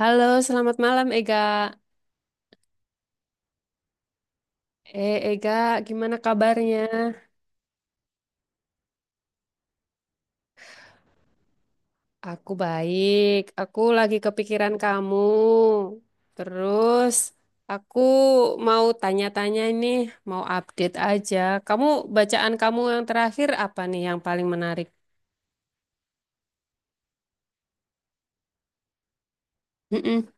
Halo, selamat malam Ega. Ega, gimana kabarnya? Aku baik. Aku lagi kepikiran kamu. Terus, aku mau tanya-tanya nih, mau update aja. Kamu, bacaan kamu yang terakhir apa nih yang paling menarik? Mm-mm.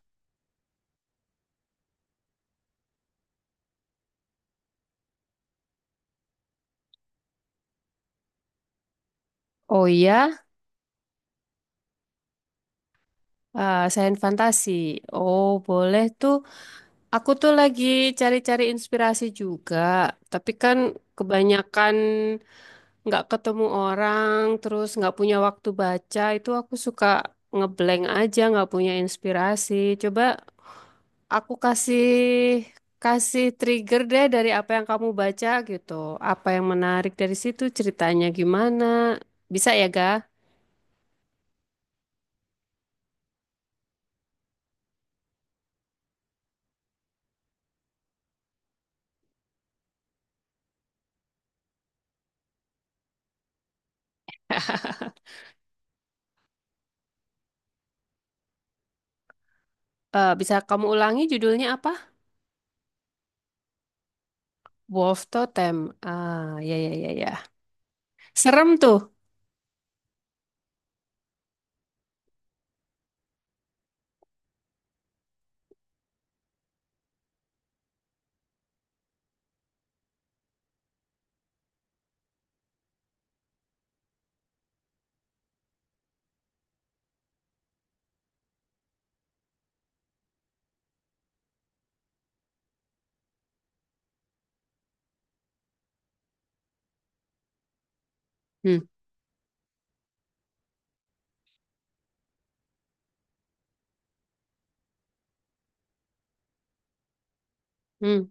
Oh iya, sains fantasi. Oh, boleh tuh. Aku tuh lagi cari-cari inspirasi juga. Tapi kan kebanyakan nggak ketemu orang, terus nggak punya waktu baca, itu aku suka ngeblank aja, nggak punya inspirasi. Coba aku kasih kasih trigger deh dari apa yang kamu baca gitu. Apa yang menarik dari situ, ceritanya gimana? Bisa ya, Ga? Eh, bisa kamu ulangi judulnya apa? Wolf Totem. Ah, ya ya ya ya. Serem tuh. Hmm, hmm.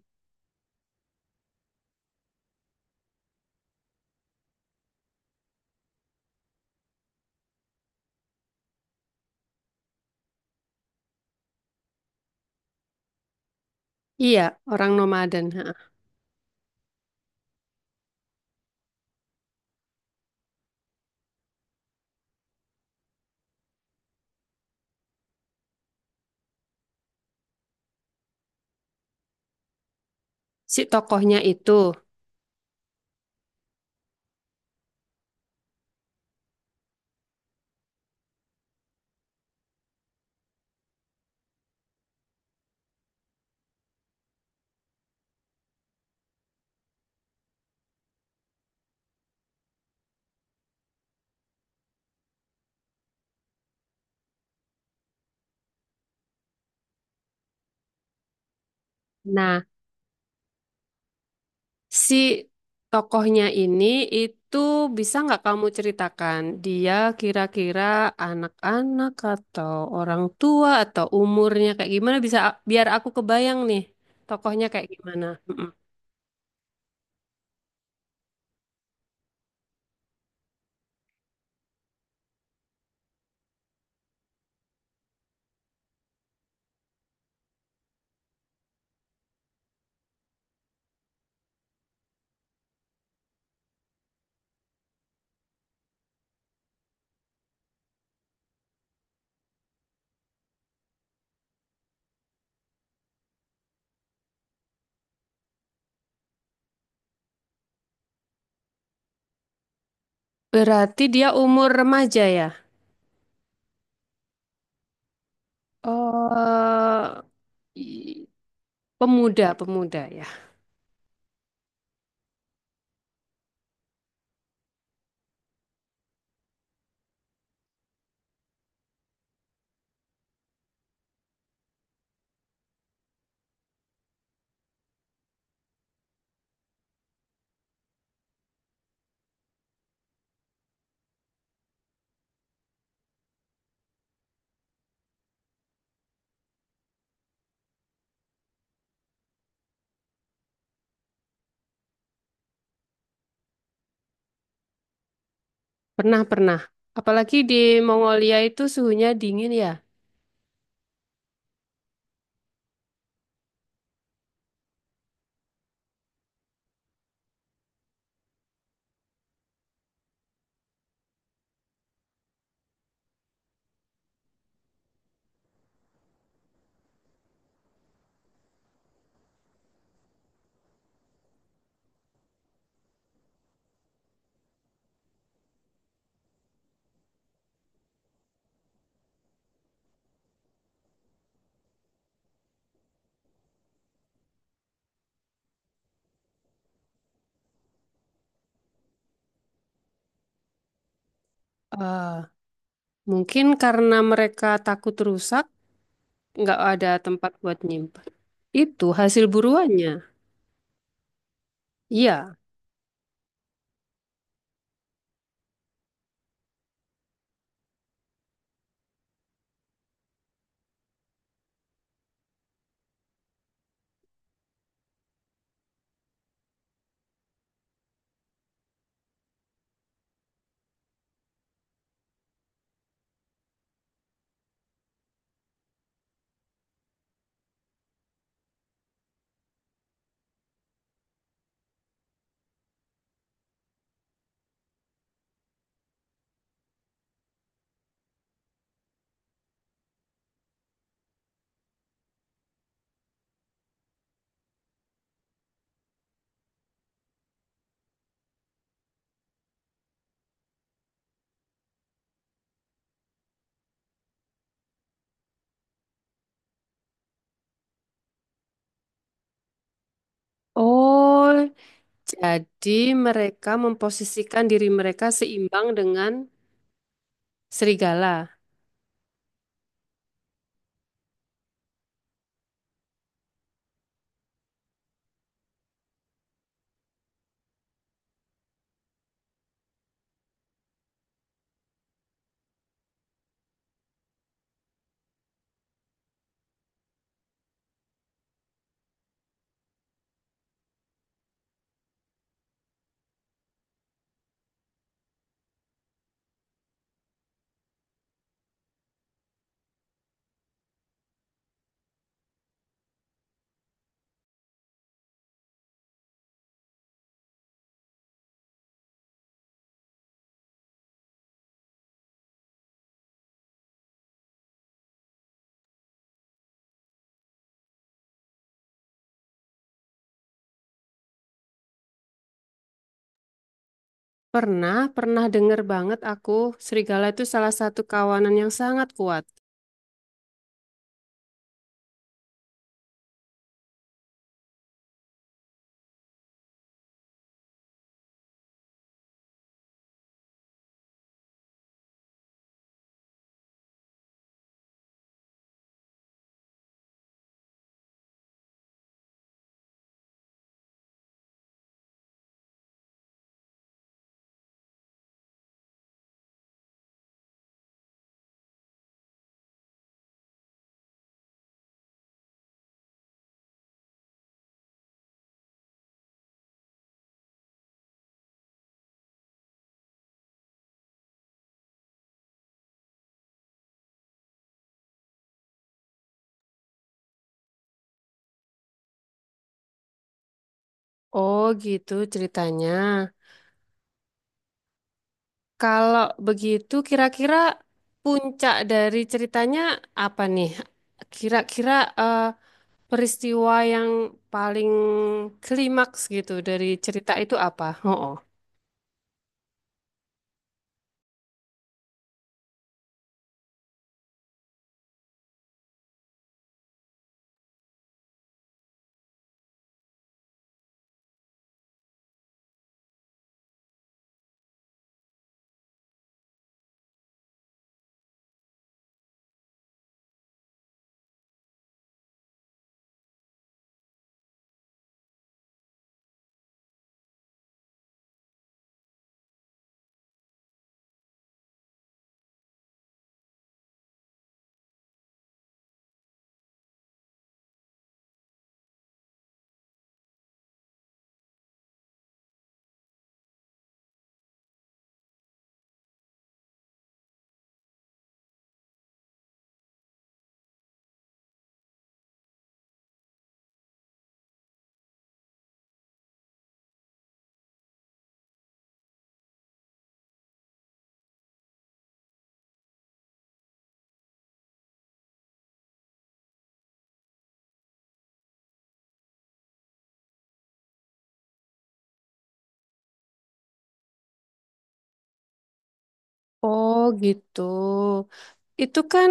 Iya, orang nomaden. Ha. Si tokohnya itu. Nah, si tokohnya ini itu bisa nggak kamu ceritakan dia kira-kira anak-anak atau orang tua atau umurnya kayak gimana bisa biar aku kebayang nih tokohnya kayak gimana. Mm-mm. Berarti dia umur remaja ya? Oh, i- pemuda, pemuda ya. Pernah, pernah. Apalagi di Mongolia itu suhunya dingin ya. Eh, mungkin karena mereka takut rusak, nggak ada tempat buat nyimpen. Itu hasil buruannya. Iya. Oh, jadi mereka memposisikan diri mereka seimbang dengan serigala. Pernah, pernah dengar banget aku, serigala itu salah satu kawanan yang sangat kuat. Oh, gitu ceritanya. Kalau begitu, kira-kira puncak dari ceritanya apa nih? Kira-kira eh, peristiwa yang paling klimaks gitu dari cerita itu apa? Oh. Oh gitu. Itu kan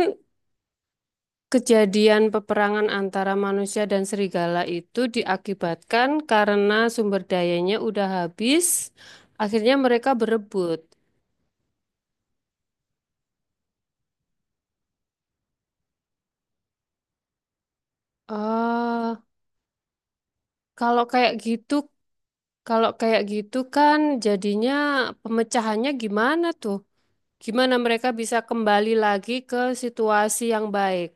kejadian peperangan antara manusia dan serigala itu diakibatkan karena sumber dayanya udah habis, akhirnya mereka berebut. Ah, kalau kayak gitu, kalau kayak gitu kan jadinya pemecahannya gimana tuh? Gimana mereka bisa kembali lagi ke situasi yang baik?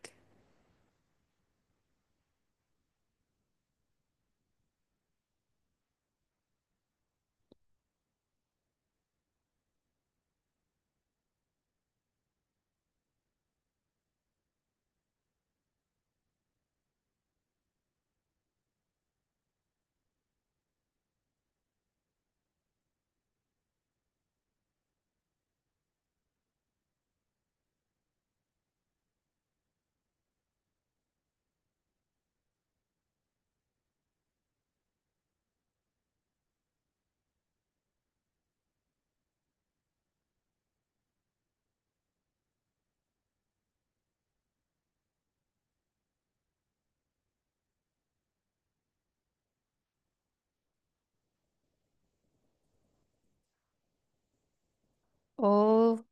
Oh,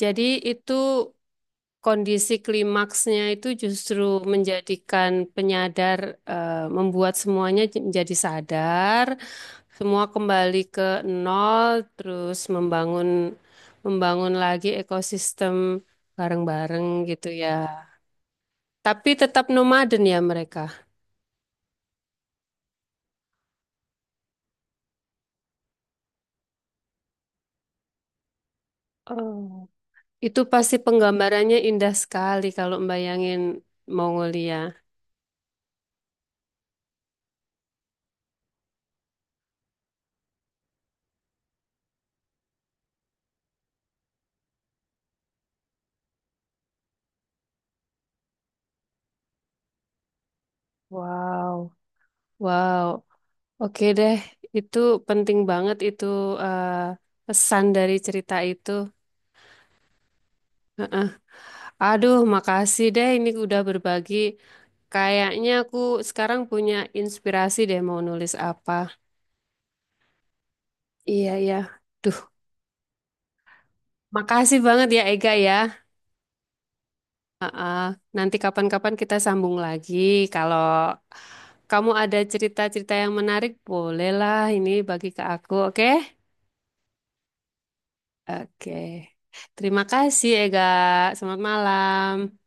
jadi itu kondisi klimaksnya itu justru menjadikan penyadar, membuat semuanya menjadi sadar, semua kembali ke nol, terus membangun membangun lagi ekosistem bareng-bareng gitu ya. Tapi tetap nomaden ya mereka. Oh. Itu pasti penggambarannya indah sekali kalau membayangin Mongolia. Wow. Wow. Oke deh, itu penting banget itu, eh, pesan dari cerita itu. Aduh, makasih deh ini udah berbagi. Kayaknya aku sekarang punya inspirasi deh mau nulis apa. Iya, iya. Duh, makasih banget ya Ega ya. Heeh. Nanti kapan-kapan kita sambung lagi. Kalau kamu ada cerita-cerita yang menarik, bolehlah ini bagi ke aku, oke? Oke. Terima kasih Ega. Selamat malam.